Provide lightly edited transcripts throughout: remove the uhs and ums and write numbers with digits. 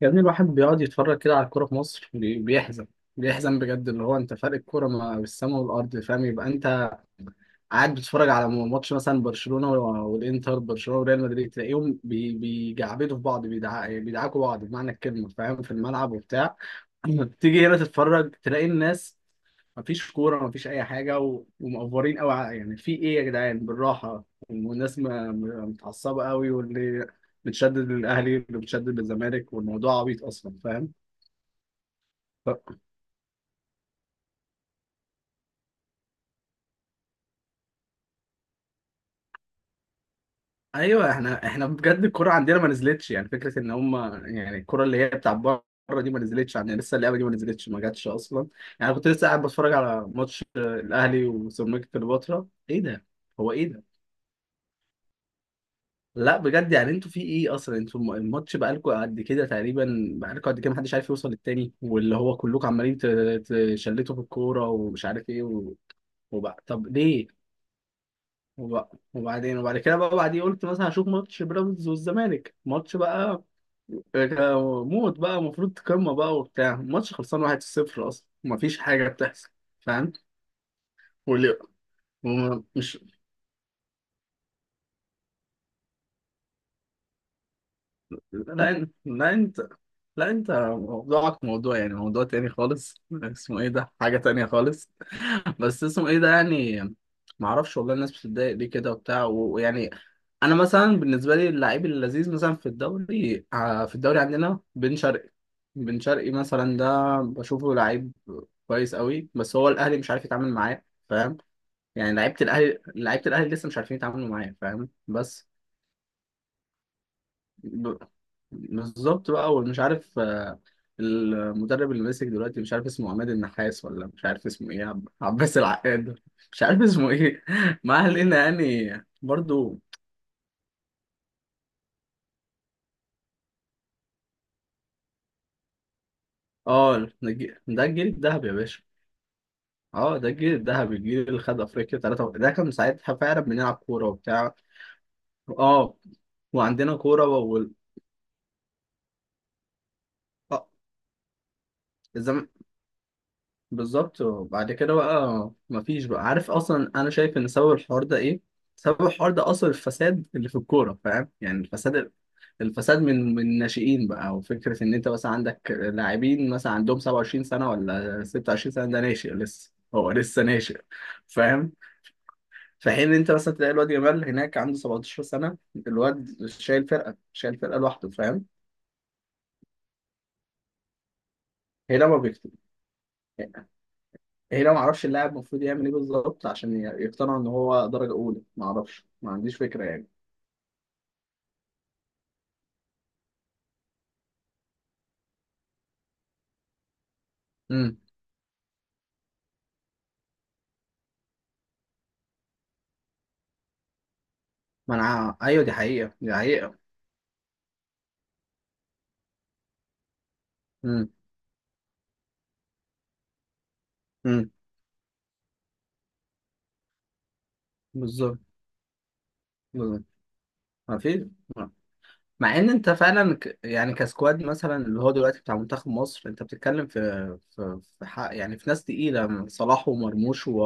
يا ابني، الواحد بيقعد يتفرج كده على الكورة في مصر، بيحزن بجد. اللي هو انت فرق الكورة ما بالسما والأرض، فاهم؟ يبقى انت قاعد بتتفرج على ماتش مثلا برشلونة والإنتر، برشلونة وريال مدريد، تلاقيهم بيجعبدوا في بعض، بيدعكوا بعض بمعنى الكلمة، فاهم، في الملعب وبتاع. تيجي هنا تتفرج تلاقي الناس مفيش كورة مفيش أي حاجة ومقفورين أوي، يعني في إيه يا جدعان؟ بالراحة. والناس متعصبة أوي، واللي متشدد للأهلي واللي متشدد للزمالك، والموضوع عبيط أصلا، فاهم؟ ف... أيوه، إحنا بجد الكورة عندنا ما نزلتش، يعني فكرة إن هما، يعني الكورة اللي هي بتاع بره دي ما نزلتش عندنا لسه، اللعبة دي ما نزلتش، ما جاتش أصلا. يعني كنت لسه قاعد بتفرج على ماتش الأهلي وسيراميكا كليوباترا، إيه ده؟ هو إيه ده؟ لا بجد يعني انتوا في ايه اصلا؟ انتوا الماتش بقالكوا قد كده تقريبا، بقالكوا قد كده محدش عارف يوصل للتاني، واللي هو كلكم عمالين تشلتوا في الكوره، ومش عارف ايه وبقى طب ليه؟ وبقى وبعدين، وبعد كده بقى بعدين قلت مثلا هشوف ماتش بيراميدز والزمالك، ماتش بقى موت بقى، المفروض قمه بقى وبتاع، الماتش خلصان 1-0 اصلا، مفيش حاجه بتحصل، فاهم. واللي ومش لا إن- لا انت موضوعك موضوع، يعني موضوع تاني خالص. اسمه ايه ده؟ حاجة تانية خالص. بس اسمه ايه ده يعني؟ معرفش والله، الناس بتتضايق ليه كده وبتاع، ويعني انا مثلا بالنسبة لي اللعيب اللذيذ مثلا في الدوري، في الدوري عندنا بن شرقي. بن شرقي مثلا ده بشوفه لعيب كويس قوي، بس هو الاهلي مش عارف يتعامل معاه، فاهم؟ يعني لعيبة الاهلي لسه مش عارفين يتعاملوا معاه، فاهم؟ بس ب- بالظبط بقى، ومش عارف المدرب اللي ماسك دلوقتي مش عارف اسمه عماد النحاس، ولا مش عارف اسمه ايه، عباس العقاد، مش عارف اسمه ايه. ما علينا يعني، برضو. اه، ده الجيل الذهبي يا باشا. اه، ده الجيل الذهبي، الجيل اللي خد افريقيا ثلاثة، ده كان ساعتها فعلا بنلعب كورة وبتاع. اه، وعندنا كورة آه، الزمالك. بالظبط. وبعد كده بقى مفيش بقى، عارف اصلا انا شايف ان سبب الحوار ده ايه؟ سبب الحوار ده اصل الفساد اللي في الكوره، فاهم؟ يعني الفساد، الفساد من الناشئين بقى، وفكره ان انت مثلا عندك لاعبين مثلا عندهم 27 سنه ولا 26 سنه، ده ناشئ لسه، هو لسه ناشئ، فاهم. في حين ان انت مثلا تلاقي الواد جمال هناك عنده 17 سنه، الواد شايل فرقه لوحده، فاهم. هنا ما بيكتب. هي لو ما اعرفش اللاعب المفروض يعمل ايه بالظبط عشان يقتنع ان هو درجه اولى، ما اعرفش، ما عنديش فكره يعني. امم ما انا، ايوه، دي حقيقه، دي حقيقه. امم امم بالظبط بالظبط. ما في. مع ان انت فعلا يعني كسكواد مثلا اللي هو دلوقتي بتاع منتخب مصر، انت بتتكلم في، في حق. يعني في ناس تقيله: صلاح، ومرموش،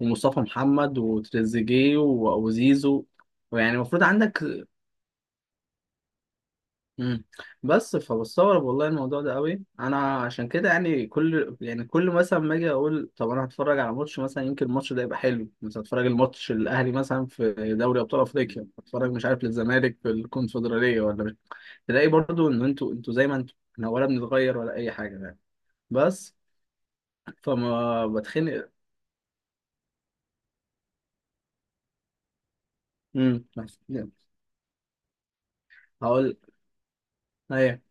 ومصطفى محمد، وتريزيجيه، وزيزو، ويعني المفروض عندك. مم. بس فبستغرب والله الموضوع ده قوي انا، عشان كده يعني كل، يعني كل مثلا ما اجي اقول طب انا هتفرج على ماتش، مثلا يمكن الماتش ده يبقى حلو، مثلا هتفرج الماتش الاهلي مثلا في دوري ابطال افريقيا، هتفرج مش عارف للزمالك في الكونفدراليه ولا مش، تلاقي برضو ان انتوا زي ما انتوا، احنا ولا بنتغير ولا اي حاجه يعني، بس فما بتخنق. امم هقول ايه؟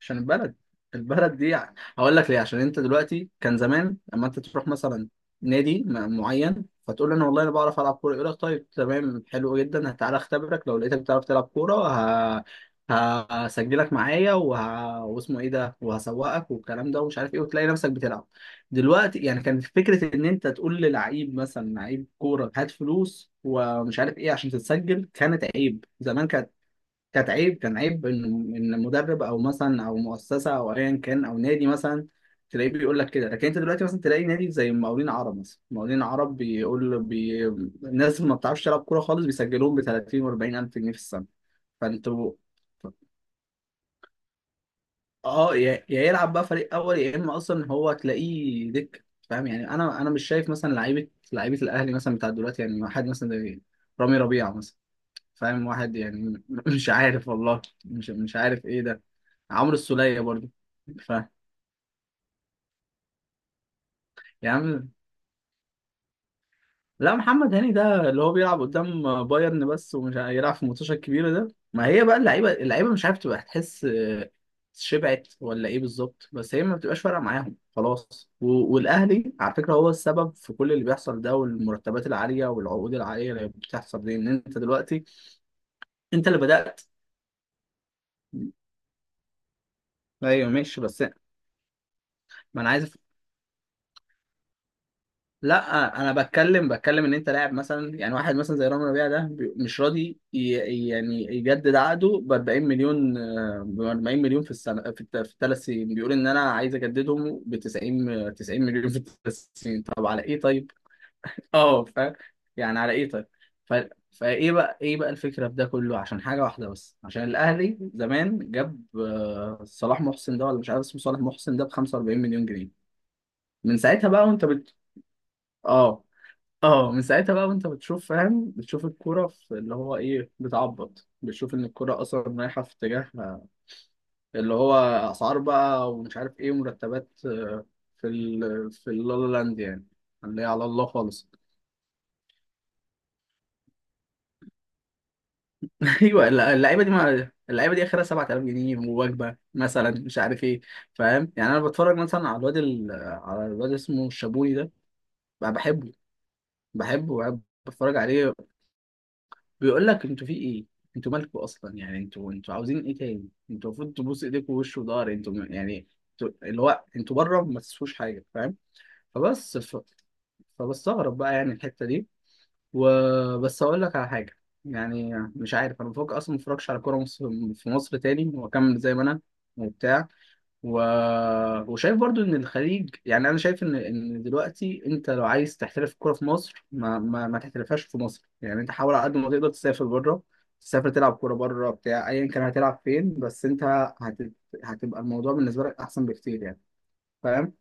عشان البلد دي يعني هقول لك ليه. عشان انت دلوقتي، كان زمان لما انت تروح مثلا نادي معين فتقول له انا والله انا بعرف العب كوره، يقول لك طيب تمام حلو جدا، تعالى اختبرك، لو لقيتك بتعرف تلعب كوره ه... هسجلك معايا واسمه ايه ده، وهسوقك والكلام ده ومش عارف ايه، وتلاقي نفسك بتلعب. دلوقتي يعني كان فكره ان انت تقول للعيب مثلا، لعيب كوره، هات فلوس ومش عارف ايه عشان تتسجل، كانت عيب زمان. كانت عيب، كان عيب ان مدرب او مثلا، او مؤسسه، او ايا كان، او نادي مثلا، تلاقيه بيقول لك كده. لكن انت دلوقتي مثلا تلاقي نادي زي مقاولين عرب، مثلا مقاولين عرب بيقول الناس ما بتعرفش تلعب كوره خالص، بيسجلوهم ب 30 و40 الف جنيه في السنه. فانتوا اه، يا يلعب بقى فريق اول، يا اما اصلا هو تلاقيه دك، فاهم؟ يعني انا مش شايف مثلا لعيبه الاهلي مثلا بتاع دلوقتي، يعني حد مثلا زي رامي ربيعه مثلا. فاهم، واحد يعني. مش عارف والله، مش عارف ايه ده. عمرو السولية برضو. ف يا عم، لا، محمد هاني ده اللي هو بيلعب قدام بايرن بس، ومش عارف يلعب في الماتشات الكبيرة ده. ما هي بقى اللعيبة مش عارف تبقى تحس شبعت ولا ايه بالظبط؟ بس هي ما بتبقاش فارقة معاهم خلاص، والأهلي على فكرة هو السبب في كل اللي بيحصل ده، والمرتبات العالية والعقود العالية اللي بتحصل دي، ان انت دلوقتي انت اللي بدأت. ايوه، ماشي، بس ما انا عايز، لا انا بتكلم ان انت لاعب مثلا يعني، واحد مثلا زي رامي ربيعه ده مش راضي يعني يجدد عقده ب 40 مليون، ب 40 مليون في السنه في في الثلاث سنين، بيقول ان انا عايز اجددهم ب 90 90 مليون في الثلاث سنين. طب على ايه طيب؟ اه، فاهم. يعني على ايه طيب؟ ف فايه بقى، ايه بقى الفكره في ده كله؟ عشان حاجه واحده بس، عشان الاهلي زمان جاب صلاح محسن ده، ولا مش عارف اسمه، صلاح محسن ده ب 45 مليون جنيه. من ساعتها بقى وانت بت اه اه من ساعتها بقى وانت بتشوف، فاهم، بتشوف الكوره في اللي هو ايه بتعبط، بتشوف ان الكوره اصلا رايحه في اتجاه اللي هو اسعار بقى ومش عارف ايه، ومرتبات في اللالا لاند يعني، اللي هي على الله خالص. ايوه، اللعيبه دي، ما اللعيبه دي اخرها 7000 جنيه ووجبه مثلا مش عارف ايه، فاهم يعني. انا بتفرج مثلا على الواد اسمه الشابوني ده. بقى بحبه، بحبه بحب بتفرج عليه. بيقول لك انتوا في ايه؟ انتوا مالكوا اصلا يعني؟ انتوا عاوزين ايه تاني؟ انتوا المفروض تبوس ايديكوا ووش وضهر، انتوا يعني اللي هو انتوا بره ما تسووش حاجه، فاهم. فبس فبستغرب بقى يعني الحته دي. وبس اقول لك على حاجه، يعني مش عارف، انا بفكر اصلا ما اتفرجش على كوره مصر، في مصر تاني، واكمل زي ما انا وبتاع، و... وشايف برضو ان الخليج، يعني انا شايف ان دلوقتي انت لو عايز تحترف الكوره في مصر، ما ما تحترفهاش في مصر يعني، انت حاول على قد ما تقدر تسافر بره، تسافر تلعب كوره بره بتاع، ايا كان هتلعب فين. بس انت هت... هتبقى الموضوع بالنسبه لك احسن بكتير يعني، فاهم.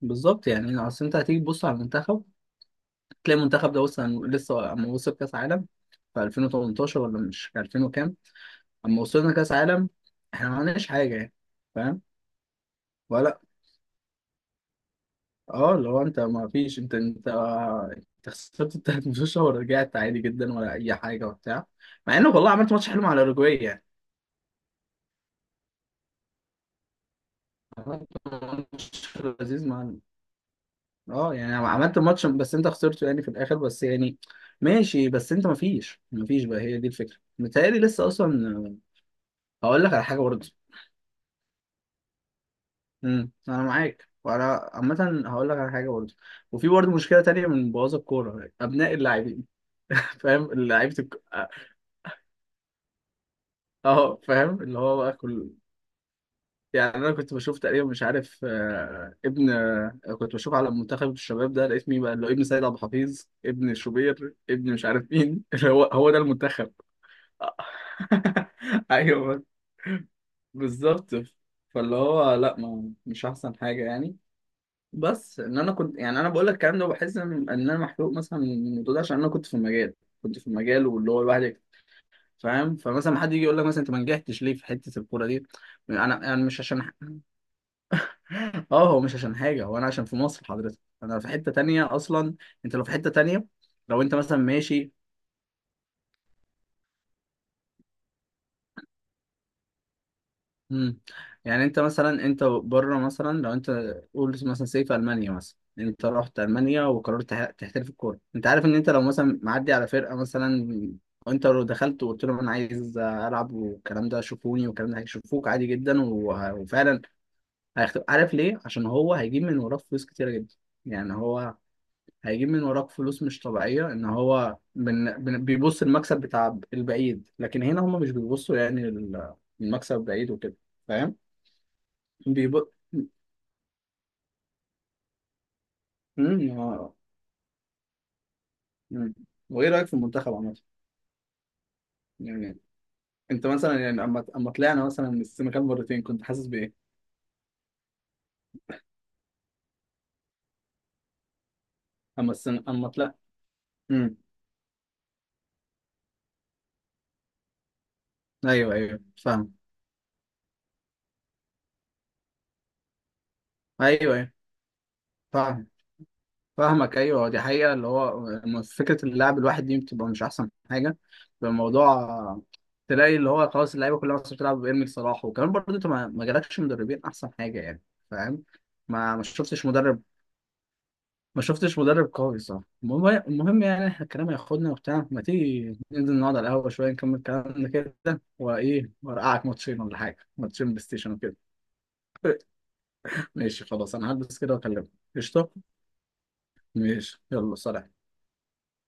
بالظبط يعني، اصل انت هتيجي تبص على المنتخب تلاقي المنتخب ده وصل، لسه اما وصل كاس عالم في 2018 ولا مش 2000 وكام، اما وصلنا كاس عالم احنا ما عملناش حاجه يعني، فاهم. ولا، اه، اللي هو انت ما فيش انت، انت خسرت التلات ماتشات ورجعت عادي جدا ولا اي حاجه وبتاع. مع انه والله عملت ماتش حلو مع الاوروجواي يعني، عملت ماتش لذيذ مع، اه يعني عملت ماتش، بس انت خسرته يعني في الاخر بس يعني، ماشي. بس انت ما فيش بقى، هي دي الفكره متهيألي لسه اصلا. هقول لك على حاجه برضه، انا معاك، وانا عامه هقول لك على حاجه برضه، وفي برضه مشكله تانيه من بوظ الكوره: ابناء اللاعبين. فاهم لعيبه، اه فاهم اللي هو بقى كل، يعني انا كنت بشوف تقريبا، مش عارف آه، ابن آه، كنت بشوف على منتخب الشباب ده، لقيت مين بقى اللي هو؟ ابن سيد عبد الحفيظ، ابن شوبير، ابن مش عارف مين. اللي هو ده المنتخب. ايوه بالظبط. فاللي هو لا، ما مش احسن حاجه يعني، بس ان انا كنت، يعني انا بقول لك الكلام ده وبحس إن انا محروق مثلا من الموضوع ده عشان انا كنت في المجال، كنت في المجال واللي هو الواحد، فاهم. فمثلا حد يجي يقول لك مثلا انت ما نجحتش ليه في حته الكوره دي؟ انا انا مش عشان اه، هو مش عشان حاجه، هو انا عشان في مصر حضرتك، انا في حته تانية اصلا، انت لو في حته تانية، لو انت مثلا ماشي. مم. يعني انت مثلا انت بره مثلا، لو انت قول مثلا سيف المانيا مثلا، انت رحت المانيا وقررت تحترف الكوره، انت عارف ان انت لو مثلا معدي على فرقه مثلا، وانت لو دخلت وقلت لهم انا عايز العب والكلام ده شوفوني والكلام ده، هيشوفوك عادي جدا، وفعلا هيختفي. عارف ليه؟ عشان هو هيجيب من وراك فلوس كتيرة جدا يعني، هو هيجيب من وراك فلوس مش طبيعية، ان هو بيبص المكسب بتاع البعيد، لكن هنا هما مش بيبصوا يعني المكسب البعيد وكده، فاهم؟ بيب... مم، آه، مم. وايه رأيك في المنتخب عامة؟ يعني انت مثلا يعني اما طلعنا مثلا من السنغال مرتين كنت حاسس بايه؟ اما السن... اما طلع مم. ايوه ايوه فاهم، ايوه ايوه فاهم فاهمك، ايوه دي حقيقه، اللي هو فكره اللاعب الواحد دي بتبقى مش احسن حاجه، بيبقى الموضوع تلاقي اللي هو خلاص اللعيبه كلها اصلا بتلعب بارمي صلاح. وكمان برضه انت ما جالكش مدربين احسن حاجه يعني، فاهم. ما شفتش مدرب ما شفتش مدرب قوي، صح. المهم المهم يعني إحنا الكلام هياخدنا وبتاع، ما تيجي ننزل نقعد على القهوه شويه نكمل كلامنا كده وايه، وارقعك ماتشين ولا حاجه، ماتشين بلاي ستيشن وكده. ماشي خلاص، انا هلبس كده واكلمك. قشطه، ماشي يلا سلام.